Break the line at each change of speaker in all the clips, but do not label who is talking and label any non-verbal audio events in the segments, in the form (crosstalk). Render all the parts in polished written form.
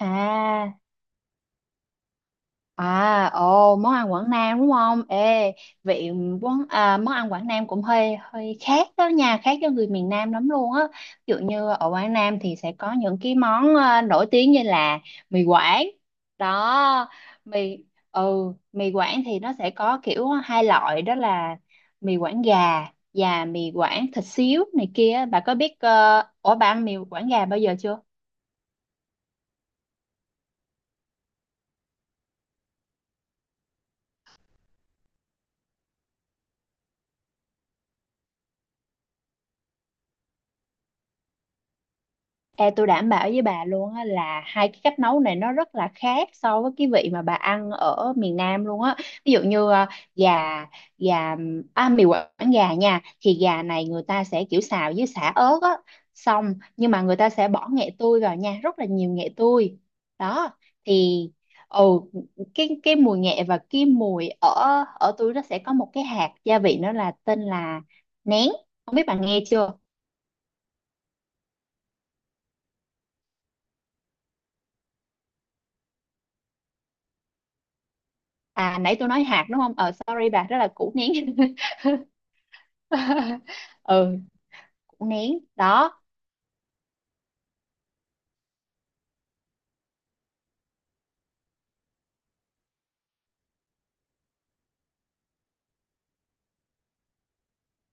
À, món ăn Quảng Nam đúng không? Ê, vị quán à, Món ăn Quảng Nam cũng hơi hơi khác đó nha, khác với người miền Nam lắm luôn á. Ví dụ như ở Quảng Nam thì sẽ có những cái món nổi tiếng như là mì Quảng. Đó, mì mì Quảng thì nó sẽ có kiểu hai loại đó là mì Quảng gà và mì Quảng thịt xíu này kia. Bà có biết ờ, ủa bà ăn mì Quảng gà bao giờ chưa? Ê, tôi đảm bảo với bà luôn á là hai cái cách nấu này nó rất là khác so với cái vị mà bà ăn ở miền Nam luôn á. Ví dụ như ờ, gà gà à, mì Quảng gà nha, thì gà này người ta sẽ kiểu xào với sả ớt á, xong nhưng mà người ta sẽ bỏ nghệ tươi vào nha, rất là nhiều nghệ tươi. Đó thì ừ cái mùi nghệ và cái mùi ở ở tôi, nó sẽ có một cái hạt gia vị, nó là tên là nén. Không biết bà nghe chưa? À, nãy tôi nói hạt đúng không, sorry bà, đó là củ nén. (laughs) Ừ, củ nén đó.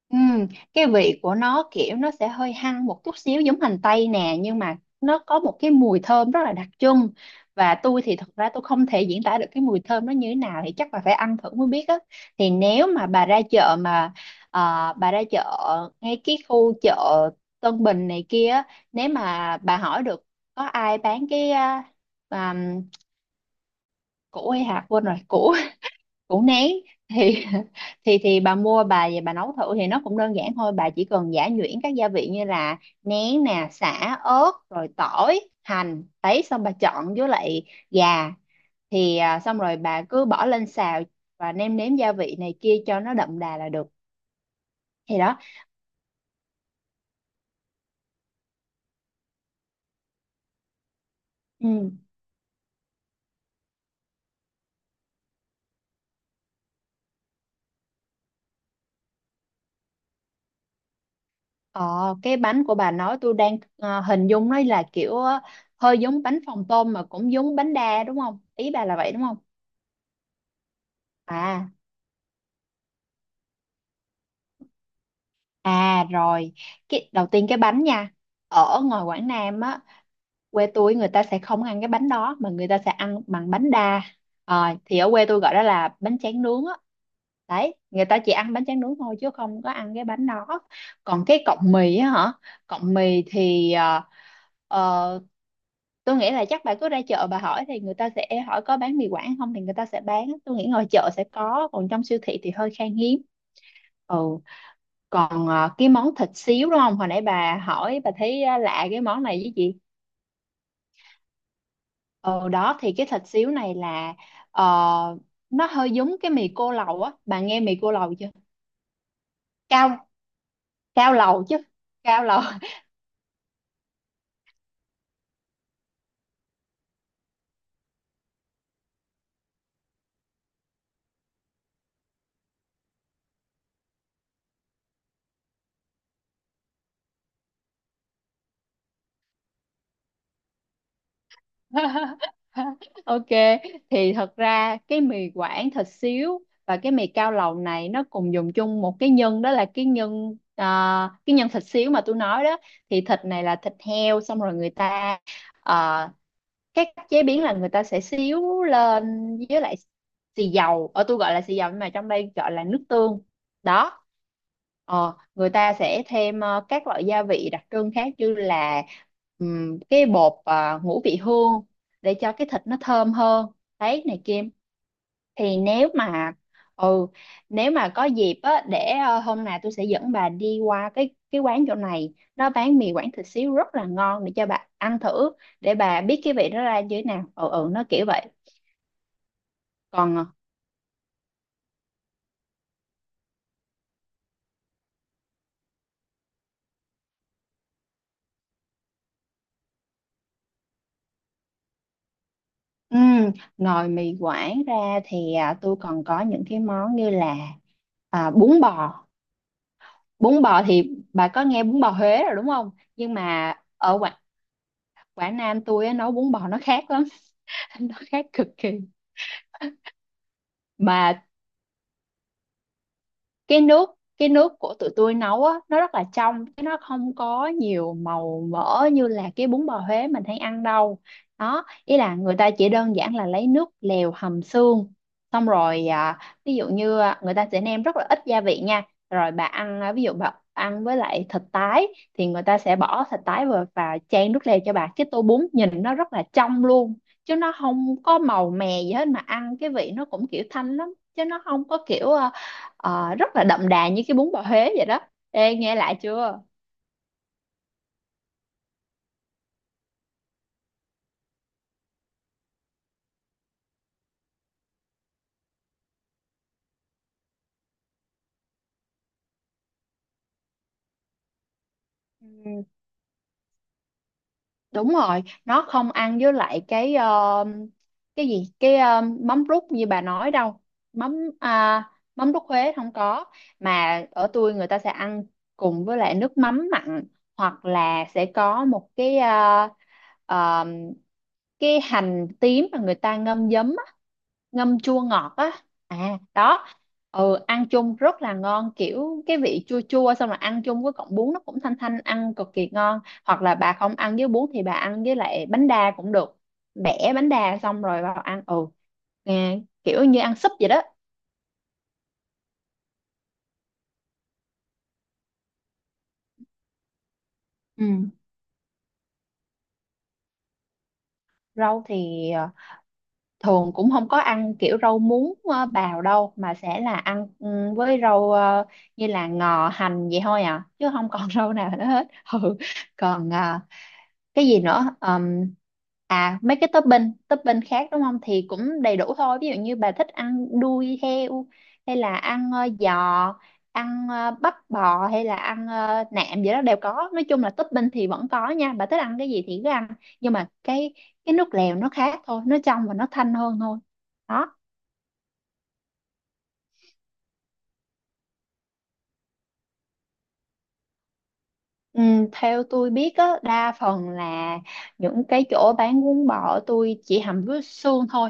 Ừm, cái vị của nó kiểu nó sẽ hơi hăng một chút xíu giống hành tây nè, nhưng mà nó có một cái mùi thơm rất là đặc trưng. Và tôi thì thật ra tôi không thể diễn tả được cái mùi thơm nó như thế nào, thì chắc là phải ăn thử mới biết á. Thì nếu mà ờ, bà ra chợ, ngay cái khu chợ Tân Bình này kia á, nếu mà bà hỏi được có ai bán cái uh, củ hay hạt, quên rồi, củ (laughs) củ nén, thì (laughs) thì bà mua bà về bà nấu thử, thì nó cũng đơn giản thôi. Bà chỉ cần giã nhuyễn các gia vị như là nén nè, sả, ớt, rồi tỏi, hành đấy, xong bà chọn với lại gà, thì xong rồi bà cứ bỏ lên xào và nêm nếm gia vị này kia cho nó đậm đà là được. Thì đó, ừ. Ờ, cái bánh của bà nói tôi đang hình dung nó là kiểu, hơi giống bánh phồng tôm mà cũng giống bánh đa đúng không, ý bà là vậy đúng không? À, à rồi, cái, đầu tiên cái bánh nha. Ở ngoài Quảng Nam á, quê tôi người ta sẽ không ăn cái bánh đó mà người ta sẽ ăn bằng bánh đa. Ờ, thì ở quê tôi gọi đó là bánh tráng nướng á. Đấy, người ta chỉ ăn bánh tráng nướng thôi chứ không có ăn cái bánh đó. Còn cái cọng mì á hả? Cọng mì thì ờ, tôi nghĩ là chắc bà cứ ra chợ bà hỏi, thì người ta sẽ hỏi có bán mì Quảng không, thì người ta sẽ bán. Tôi nghĩ ngoài chợ sẽ có, còn trong siêu thị thì hơi khan hiếm. Ừ, còn cái món thịt xíu đúng không, hồi nãy bà hỏi bà thấy lạ cái món này với chị. Ờ đó, thì cái thịt xíu này là ờ, nó hơi giống cái mì cô lầu á, bà nghe mì cô lầu chưa? Cao cao lầu chứ cao lầu. (laughs) Ok, thì thật ra cái mì quảng thịt xíu và cái mì cao lầu này nó cùng dùng chung một cái nhân, đó là cái nhân thịt xíu mà tôi nói đó. Thì thịt này là thịt heo, xong rồi người ta ờ, cái cách chế biến là người ta sẽ xíu lên với lại xì dầu, ở tôi gọi là xì dầu nhưng mà trong đây gọi là nước tương đó. Ờ, người ta sẽ thêm các loại gia vị đặc trưng khác như là cái bột ngũ vị hương để cho cái thịt nó thơm hơn đấy này kia. Thì ừ nếu mà có dịp á, để hôm nào tôi sẽ dẫn bà đi qua cái quán chỗ này, nó bán mì Quảng thịt xíu rất là ngon, để cho bà ăn thử, để bà biết cái vị nó ra như thế nào, ừ ừ nó kiểu vậy. Còn ừm, ngoài mì Quảng ra thì tôi còn có những cái món như là à, bún bò bún bò. Thì bà có nghe bún bò Huế rồi đúng không, nhưng mà ở Quảng Nam tôi á, nấu bún bò nó khác lắm. (laughs) Nó khác cực kỳ mà. Cái nước cái nước của tụi tôi nấu á, nó rất là trong, chứ nó không có nhiều màu mỡ như là cái bún bò Huế mình hay ăn đâu. Đó, ý là người ta chỉ đơn giản là lấy nước lèo hầm xương, xong rồi à, ví dụ như à, người ta sẽ nêm rất là ít gia vị nha. Rồi bà ăn ví dụ bà ăn với lại thịt tái, thì người ta sẽ bỏ thịt tái vào và chan nước lèo cho bà, cái tô bún nhìn nó rất là trong luôn, chứ nó không có màu mè gì hết. Mà ăn cái vị nó cũng kiểu thanh lắm, chứ nó không có kiểu ờ, rất là đậm đà như cái bún bò Huế vậy đó. Ê, nghe lại chưa? Ừ, đúng rồi, nó không ăn với lại cái mắm rút như bà nói đâu. mắm à, Mắm rút Huế không có, mà ở tôi người ta sẽ ăn cùng với lại nước mắm mặn, hoặc là sẽ có một cái ờ, cái hành tím mà người ta ngâm giấm á, ngâm chua ngọt á, à đó. Ừ, ăn chung rất là ngon, kiểu cái vị chua chua, xong rồi ăn chung với cọng bún nó cũng thanh thanh, ăn cực kỳ ngon. Hoặc là bà không ăn với bún thì bà ăn với lại bánh đa cũng được, bẻ bánh đa xong rồi vào ăn, ừ, nghe kiểu như ăn súp vậy đó. Ừ, rau thì thường cũng không có ăn kiểu rau muống bào đâu, mà sẽ là ăn, ừ, với rau như là ngò, hành vậy thôi à, chứ không còn (laughs) rau nào nữa hết. Ừ, còn ờ, cái gì nữa à, mấy cái topping topping khác đúng không, thì cũng đầy đủ thôi. Ví dụ như bà thích ăn đuôi heo, hay là ăn giò, ăn bắp bò, hay là ăn nạm gì đó đều có. Nói chung là topping thì vẫn có nha, bà thích ăn cái gì thì cứ ăn, nhưng mà cái nước lèo nó khác thôi, nó trong và nó thanh hơn thôi. Đó, ừ, theo tôi biết á, đa phần là những cái chỗ bán bún bò tôi chỉ hầm với xương thôi.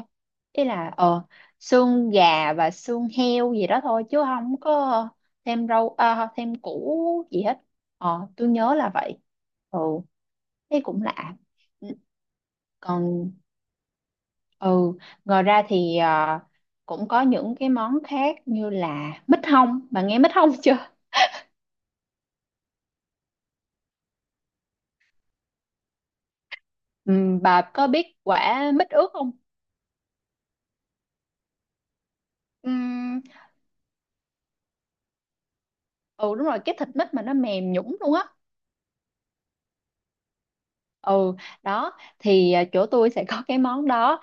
Ý là xương gà và xương heo gì đó thôi, chứ không có thêm thêm củ gì hết. Ờ, tôi nhớ là vậy. Ừ, thế cũng lạ. Ừ, Còn ừ, Ngoài ra thì cũng có những cái món khác như là mít hông. Bà nghe mít hông (laughs) chưa? Ừ, bà có biết quả mít ướt không? Ừ, ừ, đúng rồi, cái thịt mít mà nó mềm nhũn luôn á. Ừ đó, thì chỗ tôi sẽ có cái món đó.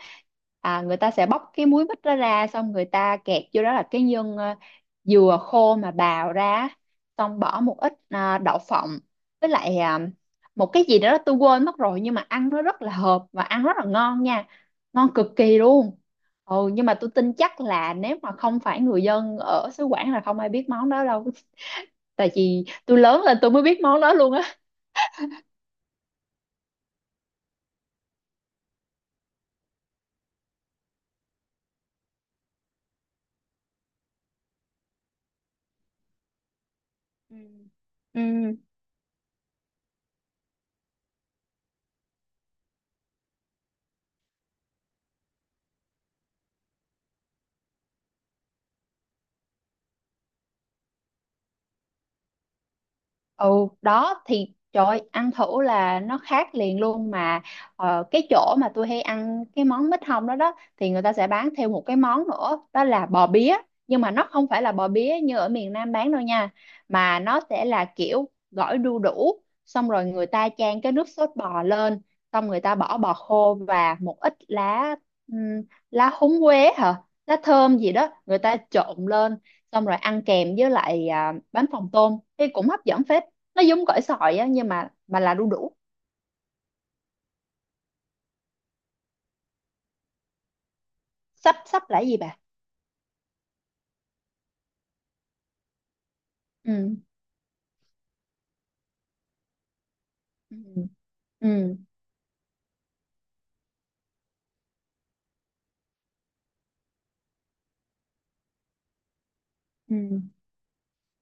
À, người ta sẽ bóc cái múi mít đó ra, xong người ta kẹt vô đó là dừa khô mà bào ra á. Xong bỏ một ít đậu phộng với lại một cái gì đó tôi quên mất rồi, nhưng mà ăn nó rất là hợp và ăn rất là ngon nha, ngon cực kỳ luôn. Ừ, nhưng mà tôi tin chắc là nếu mà không phải người dân ở xứ Quảng là không ai biết món đó đâu, tại vì tôi lớn lên tôi mới biết món đó luôn á. Ừ. Ừ. Ừ đó, thì trời ơi, ăn thử là nó khác liền luôn mà. Ờ, cái chỗ mà tôi hay ăn cái món mít hông đó đó, thì người ta sẽ bán thêm một cái món nữa, đó là bò bía, nhưng mà nó không phải là bò bía như ở miền Nam bán đâu nha. Mà nó sẽ là kiểu gỏi đu đủ, xong rồi người ta chan cái nước sốt bò lên, xong người ta bỏ bò khô và một ít lá, ừm, lá húng quế hả, lá thơm gì đó, người ta trộn lên, xong rồi ăn kèm với lại bánh phồng tôm thì cũng hấp dẫn phết. Nó giống gỏi sỏi á, nhưng mà là đu đủ. Sắp sắp là cái gì bà? ừ ừ ừ ừ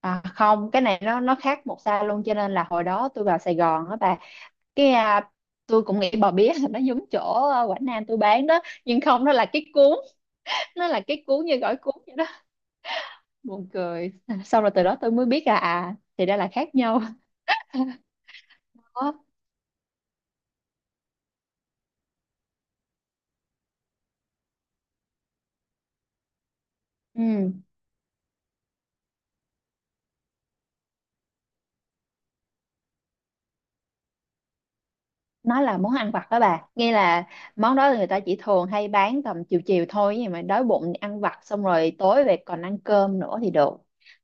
À không, cái này nó khác một xa luôn, cho nên là hồi đó tôi vào Sài Gòn á bà, cái à, tôi cũng nghĩ bò bía là nó giống chỗ Quảng Nam tôi bán đó, nhưng không, nó là cái cuốn như gỏi cuốn vậy đó. Buồn cười, sau rồi từ đó tôi mới biết là à thì ra là khác nhau. Đó, ừ, nó là món ăn vặt đó bà, nghe là món đó người ta chỉ thường hay bán tầm chiều chiều thôi, nhưng mà đói bụng thì ăn vặt, xong rồi tối về còn ăn cơm nữa thì được.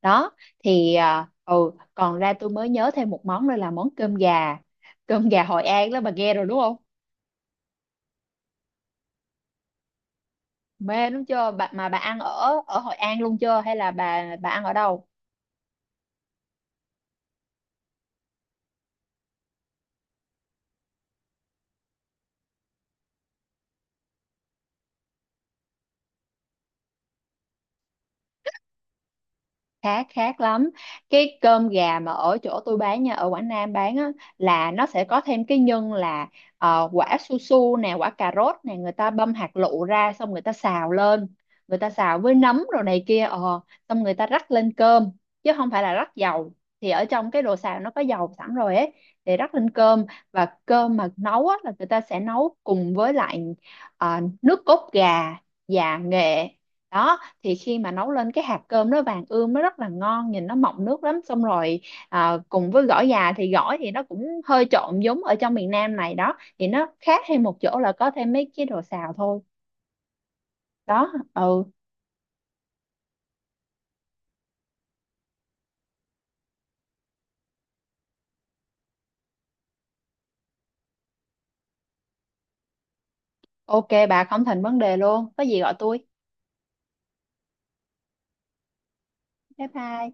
Đó, thì còn ra tôi mới nhớ thêm một món nữa là món cơm gà, cơm gà Hội An đó, bà nghe rồi đúng không? Mê đúng chưa bà, mà bà ăn ở ở Hội An luôn chưa, hay là bà ăn ở đâu? Khác Khác lắm. Cái cơm gà mà ở chỗ tôi bán nha, ở Quảng Nam bán á, là nó sẽ có thêm cái nhân là quả su su nè, quả cà rốt nè, người ta băm hạt lựu ra xong người ta xào lên, người ta xào với nấm rồi này kia. Ờ Xong người ta rắc lên cơm, chứ không phải là rắc dầu, thì ở trong cái đồ xào nó có dầu sẵn rồi ấy, để rắc lên cơm. Và cơm mà nấu á, là người ta sẽ nấu cùng với lại nước cốt gà và nghệ. Đó, thì khi mà nấu lên cái hạt cơm nó vàng ươm, nó rất là ngon, nhìn nó mọng nước lắm. Xong rồi cùng với gỏi già, thì gỏi thì nó cũng hơi trộn giống ở trong miền Nam này đó, thì nó khác thêm một chỗ là có thêm mấy cái đồ xào thôi. Đó, ừ, ok bà, không thành vấn đề luôn, có gì gọi tôi. Bye bye.